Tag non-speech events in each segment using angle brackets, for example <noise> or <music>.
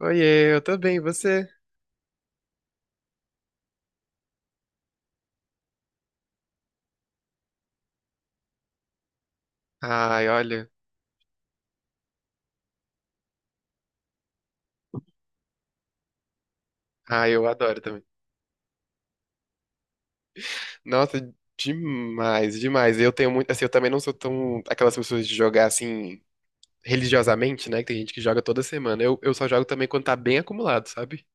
Oiê, eu tô bem, e você? Ai, olha. Ai, eu adoro também. Nossa, demais, demais. Eu tenho muito. Assim, eu também não sou tão. Aquelas pessoas de jogar assim, religiosamente, né? Que tem gente que joga toda semana. Eu só jogo também quando tá bem acumulado, sabe?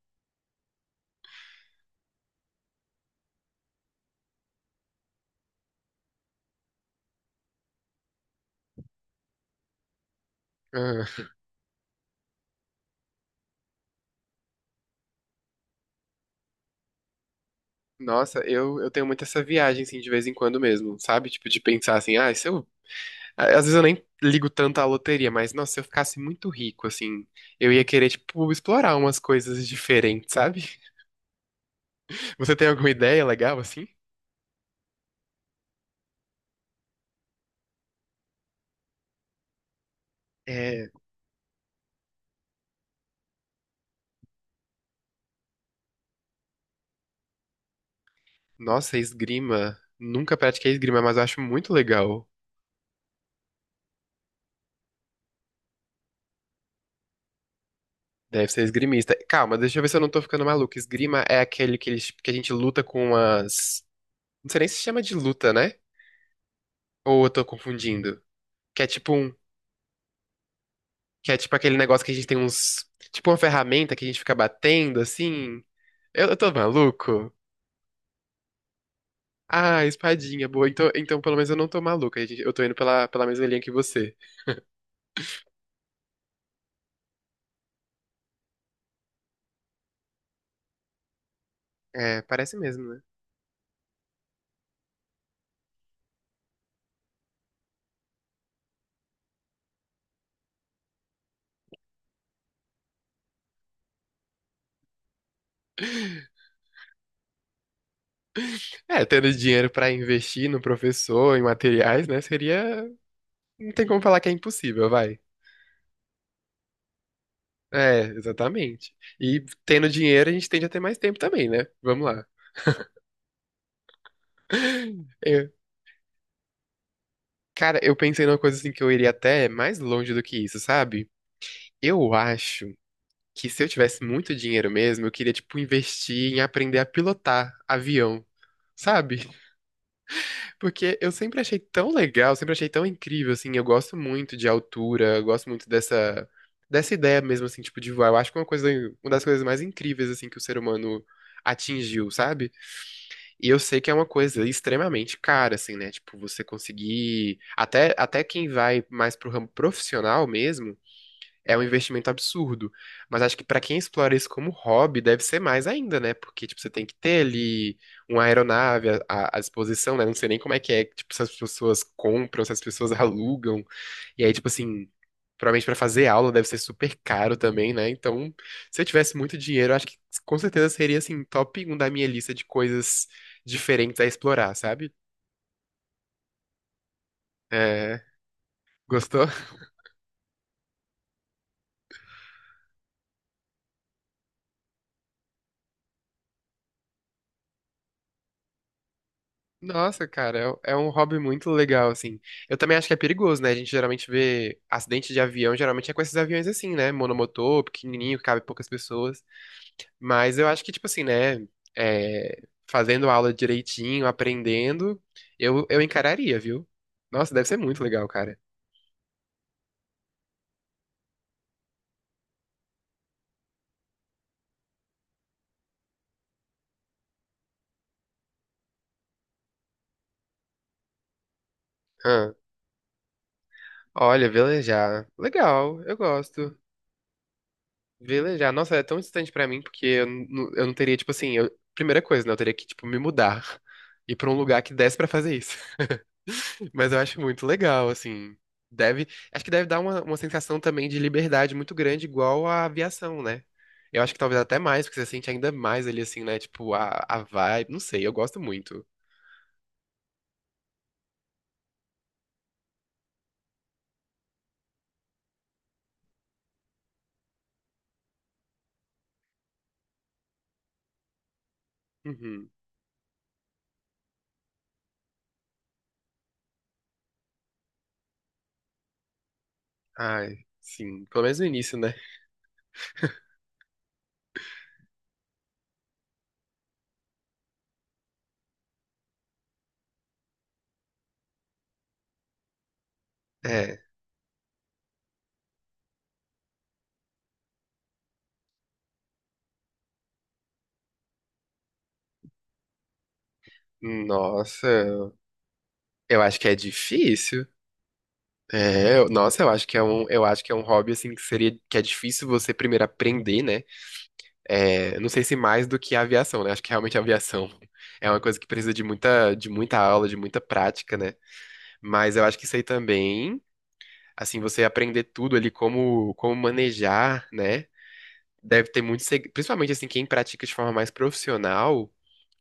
Ah, nossa, eu tenho muito essa viagem, assim, de vez em quando mesmo, sabe? Tipo, de pensar assim, ah, se eu. Às vezes eu nem ligo tanto à loteria, mas, nossa, se eu ficasse muito rico, assim, eu ia querer, tipo, explorar umas coisas diferentes, sabe? <laughs> Você tem alguma ideia legal, assim? É. Nossa, esgrima. Nunca pratiquei esgrima, mas eu acho muito legal. Deve ser esgrimista. Calma, deixa eu ver se eu não tô ficando maluco. Esgrima é aquele que, eles, que a gente luta com as. Não sei nem se chama de luta, né? Ou eu tô confundindo? Que é tipo um. Que é tipo aquele negócio que a gente tem uns. Tipo uma ferramenta que a gente fica batendo, assim. Eu tô maluco? Ah, espadinha, boa. Então, então pelo menos eu não tô maluco. A gente- Eu tô indo pela mesma linha que você. É, parece mesmo, né? É, tendo dinheiro pra investir no professor, em materiais, né? Seria não tem como falar que é impossível, vai. É, exatamente. E tendo dinheiro, a gente tende a ter mais tempo também, né? Vamos lá. <laughs> Eu- cara, eu pensei numa coisa assim que eu iria até mais longe do que isso, sabe? Eu acho que se eu tivesse muito dinheiro mesmo, eu queria, tipo, investir em aprender a pilotar avião, sabe? Porque eu sempre achei tão legal, sempre achei tão incrível, assim, eu gosto muito de altura, eu gosto muito dessa, dessa ideia mesmo, assim, tipo, de voar. Eu acho que é uma coisa, uma das coisas mais incríveis, assim, que o ser humano atingiu, sabe? E eu sei que é uma coisa extremamente cara, assim, né? Tipo, você conseguir, até, até quem vai mais pro ramo profissional mesmo, é um investimento absurdo. Mas acho que para quem explora isso como hobby, deve ser mais ainda, né? Porque, tipo, você tem que ter ali uma aeronave à, à disposição, né? Não sei nem como é que é, tipo, se as pessoas compram, se as pessoas <laughs> alugam. E aí, tipo assim, provavelmente para fazer aula deve ser super caro também, né? Então, se eu tivesse muito dinheiro, eu acho que com certeza seria, assim, top um da minha lista de coisas diferentes a explorar, sabe? É. Gostou? Nossa, cara, é um hobby muito legal, assim. Eu também acho que é perigoso, né? A gente geralmente vê acidente de avião, geralmente é com esses aviões assim, né? Monomotor, pequenininho, que cabe poucas pessoas. Mas eu acho que, tipo assim, né? É, fazendo aula direitinho, aprendendo, eu encararia, viu? Nossa, deve ser muito legal, cara. Ah, olha, velejar. Legal, eu gosto. Velejar. Nossa, é tão distante pra mim, porque eu não teria, tipo assim, eu- primeira coisa, né? Eu teria que, tipo, me mudar. <laughs> Ir pra um lugar que desse pra fazer isso. Mas eu acho muito legal, assim. Deve, acho que deve dar uma sensação também de liberdade muito grande, igual a aviação, né? Eu acho que talvez até mais, porque você sente ainda mais ali, assim, né? Tipo, a vibe. Não sei, eu gosto muito. Uhum. Ai, sim. Pelo menos no início, né? É. Nossa, eu acho que é difícil. É, eu- nossa, eu acho que é um, eu acho que é um hobby assim que seria que é difícil você primeiro aprender, né? É, não sei se mais do que a aviação, né? Acho que realmente a aviação <laughs> é uma coisa que precisa de muita aula, de muita prática, né? Mas eu acho que isso aí também, assim, você aprender tudo ali, como, como manejar, né? Deve ter muito segredo, principalmente assim, quem pratica de forma mais profissional,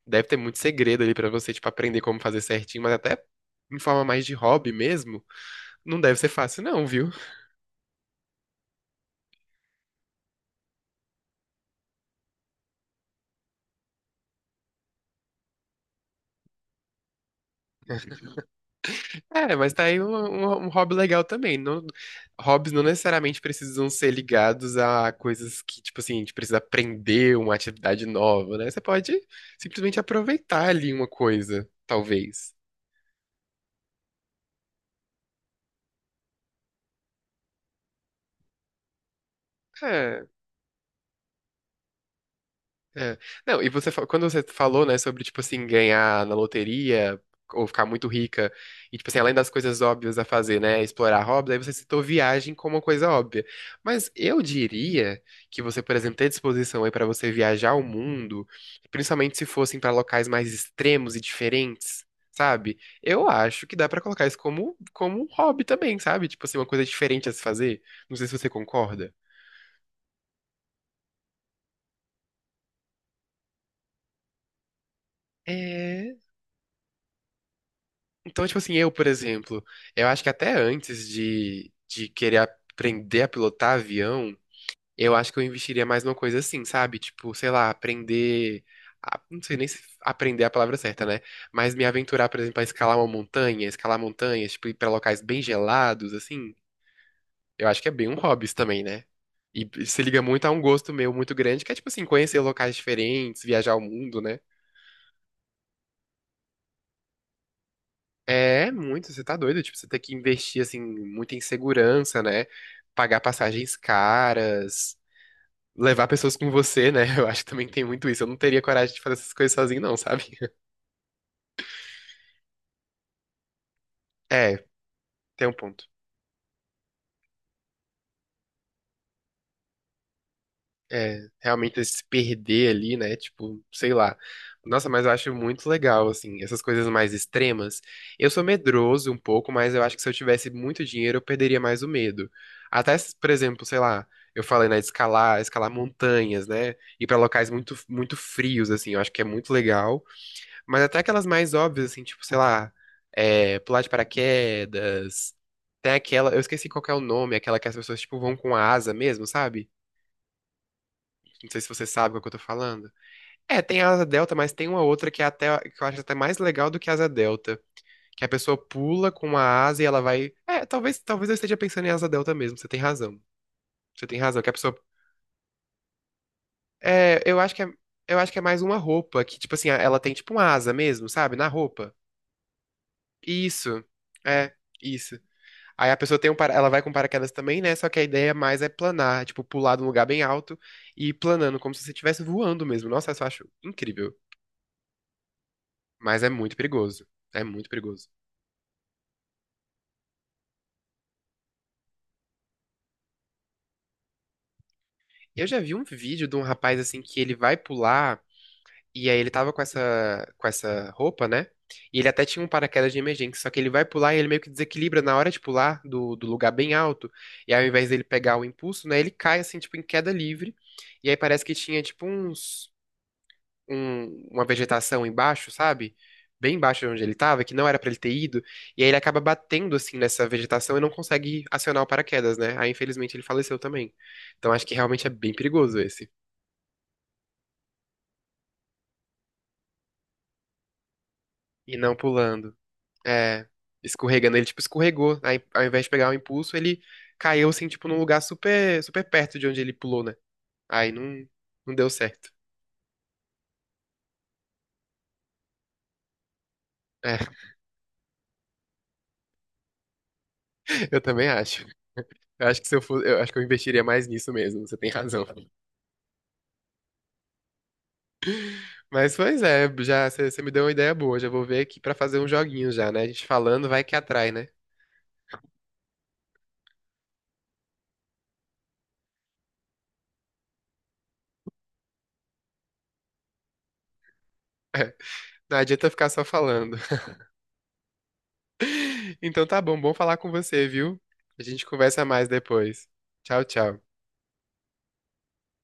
deve ter muito segredo ali pra você, tipo, aprender como fazer certinho, mas até em forma mais de hobby mesmo, não deve ser fácil, não, viu? É, mas tá aí um, um hobby legal também. Não, hobbies não necessariamente precisam ser ligados a coisas que, tipo assim, a gente precisa aprender uma atividade nova, né? Você pode simplesmente aproveitar ali uma coisa, talvez. É. É. Não, e você, fa- quando você falou, né, sobre, tipo assim, ganhar na loteria ou ficar muito rica, e, tipo assim, além das coisas óbvias a fazer, né, explorar hobbies, aí você citou viagem como uma coisa óbvia. Mas eu diria que você, por exemplo, ter disposição aí para você viajar o mundo, principalmente se fossem para locais mais extremos e diferentes, sabe? Eu acho que dá para colocar isso como, como um hobby também, sabe? Tipo assim, uma coisa diferente a se fazer. Não sei se você concorda. É. Então, tipo assim, eu, por exemplo, eu acho que até antes de querer aprender a pilotar avião, eu acho que eu investiria mais numa coisa assim, sabe? Tipo, sei lá, aprender. A- não sei nem se aprender é a palavra certa, né? Mas me aventurar, por exemplo, a escalar uma montanha, escalar montanhas, tipo, ir pra locais bem gelados, assim. Eu acho que é bem um hobby isso também, né? E se liga muito a um gosto meu muito grande, que é, tipo assim, conhecer locais diferentes, viajar o mundo, né? É muito, você tá doido, tipo, você tem que investir, assim, muito em segurança, né? Pagar passagens caras, levar pessoas com você, né? <laughs> Eu acho que também tem muito isso. Eu não teria coragem de fazer essas coisas sozinho, não, sabe? É, tem um ponto. É, realmente se perder ali, né? Tipo, sei lá. Nossa, mas eu acho muito legal, assim, essas coisas mais extremas. Eu sou medroso um pouco, mas eu acho que se eu tivesse muito dinheiro, eu perderia mais o medo. Até, se, por exemplo, sei lá, eu falei, né, de escalar, escalar montanhas, né? Ir pra locais muito, muito frios, assim, eu acho que é muito legal. Mas até aquelas mais óbvias, assim, tipo, sei lá, é, pular de paraquedas. Tem aquela, eu esqueci qual que é o nome, aquela que as pessoas, tipo, vão com a asa mesmo, sabe? Não sei se você sabe o que eu tô falando. É, tem a asa delta, mas tem uma outra que é até que eu acho até mais legal do que a asa delta, que a pessoa pula com uma asa e ela vai. É, talvez eu esteja pensando em asa delta mesmo. Você tem razão. Você tem razão. Que a pessoa. É, eu acho que é, eu acho que é mais uma roupa que tipo assim ela tem tipo uma asa mesmo, sabe? Na roupa. Isso. É isso. Aí a pessoa tem um, para- ela vai com paraquedas também, né? Só que a ideia mais é planar, tipo pular de um lugar bem alto e ir planando como se você estivesse voando mesmo. Nossa, eu só acho incrível. Mas é muito perigoso. É muito perigoso. Eu já vi um vídeo de um rapaz assim que ele vai pular e aí ele tava com essa roupa, né? E ele até tinha um paraquedas de emergência, só que ele vai pular e ele meio que desequilibra na hora de pular do, do lugar bem alto. E aí, ao invés dele pegar o impulso, né, ele cai assim tipo em queda livre. E aí parece que tinha tipo uns um- uma vegetação embaixo, sabe? Bem embaixo de onde ele estava, que não era pra ele ter ido, e aí ele acaba batendo assim nessa vegetação e não consegue acionar o paraquedas, né? Aí infelizmente ele faleceu também. Então acho que realmente é bem perigoso esse. E não pulando. É, escorregando, ele tipo escorregou, aí ao invés de pegar o impulso, ele caiu assim tipo num lugar super super perto de onde ele pulou, né? Aí não não deu certo. É, <laughs> eu também acho. Eu acho que se eu fosse, eu acho que eu investiria mais nisso mesmo, você tem razão. Mas pois é, já você me deu uma ideia boa. Já vou ver aqui pra fazer um joguinho já, né? A gente falando vai que atrai, né? <laughs> Não adianta ficar só falando. <laughs> Então tá bom, bom falar com você, viu? A gente conversa mais depois. Tchau, tchau.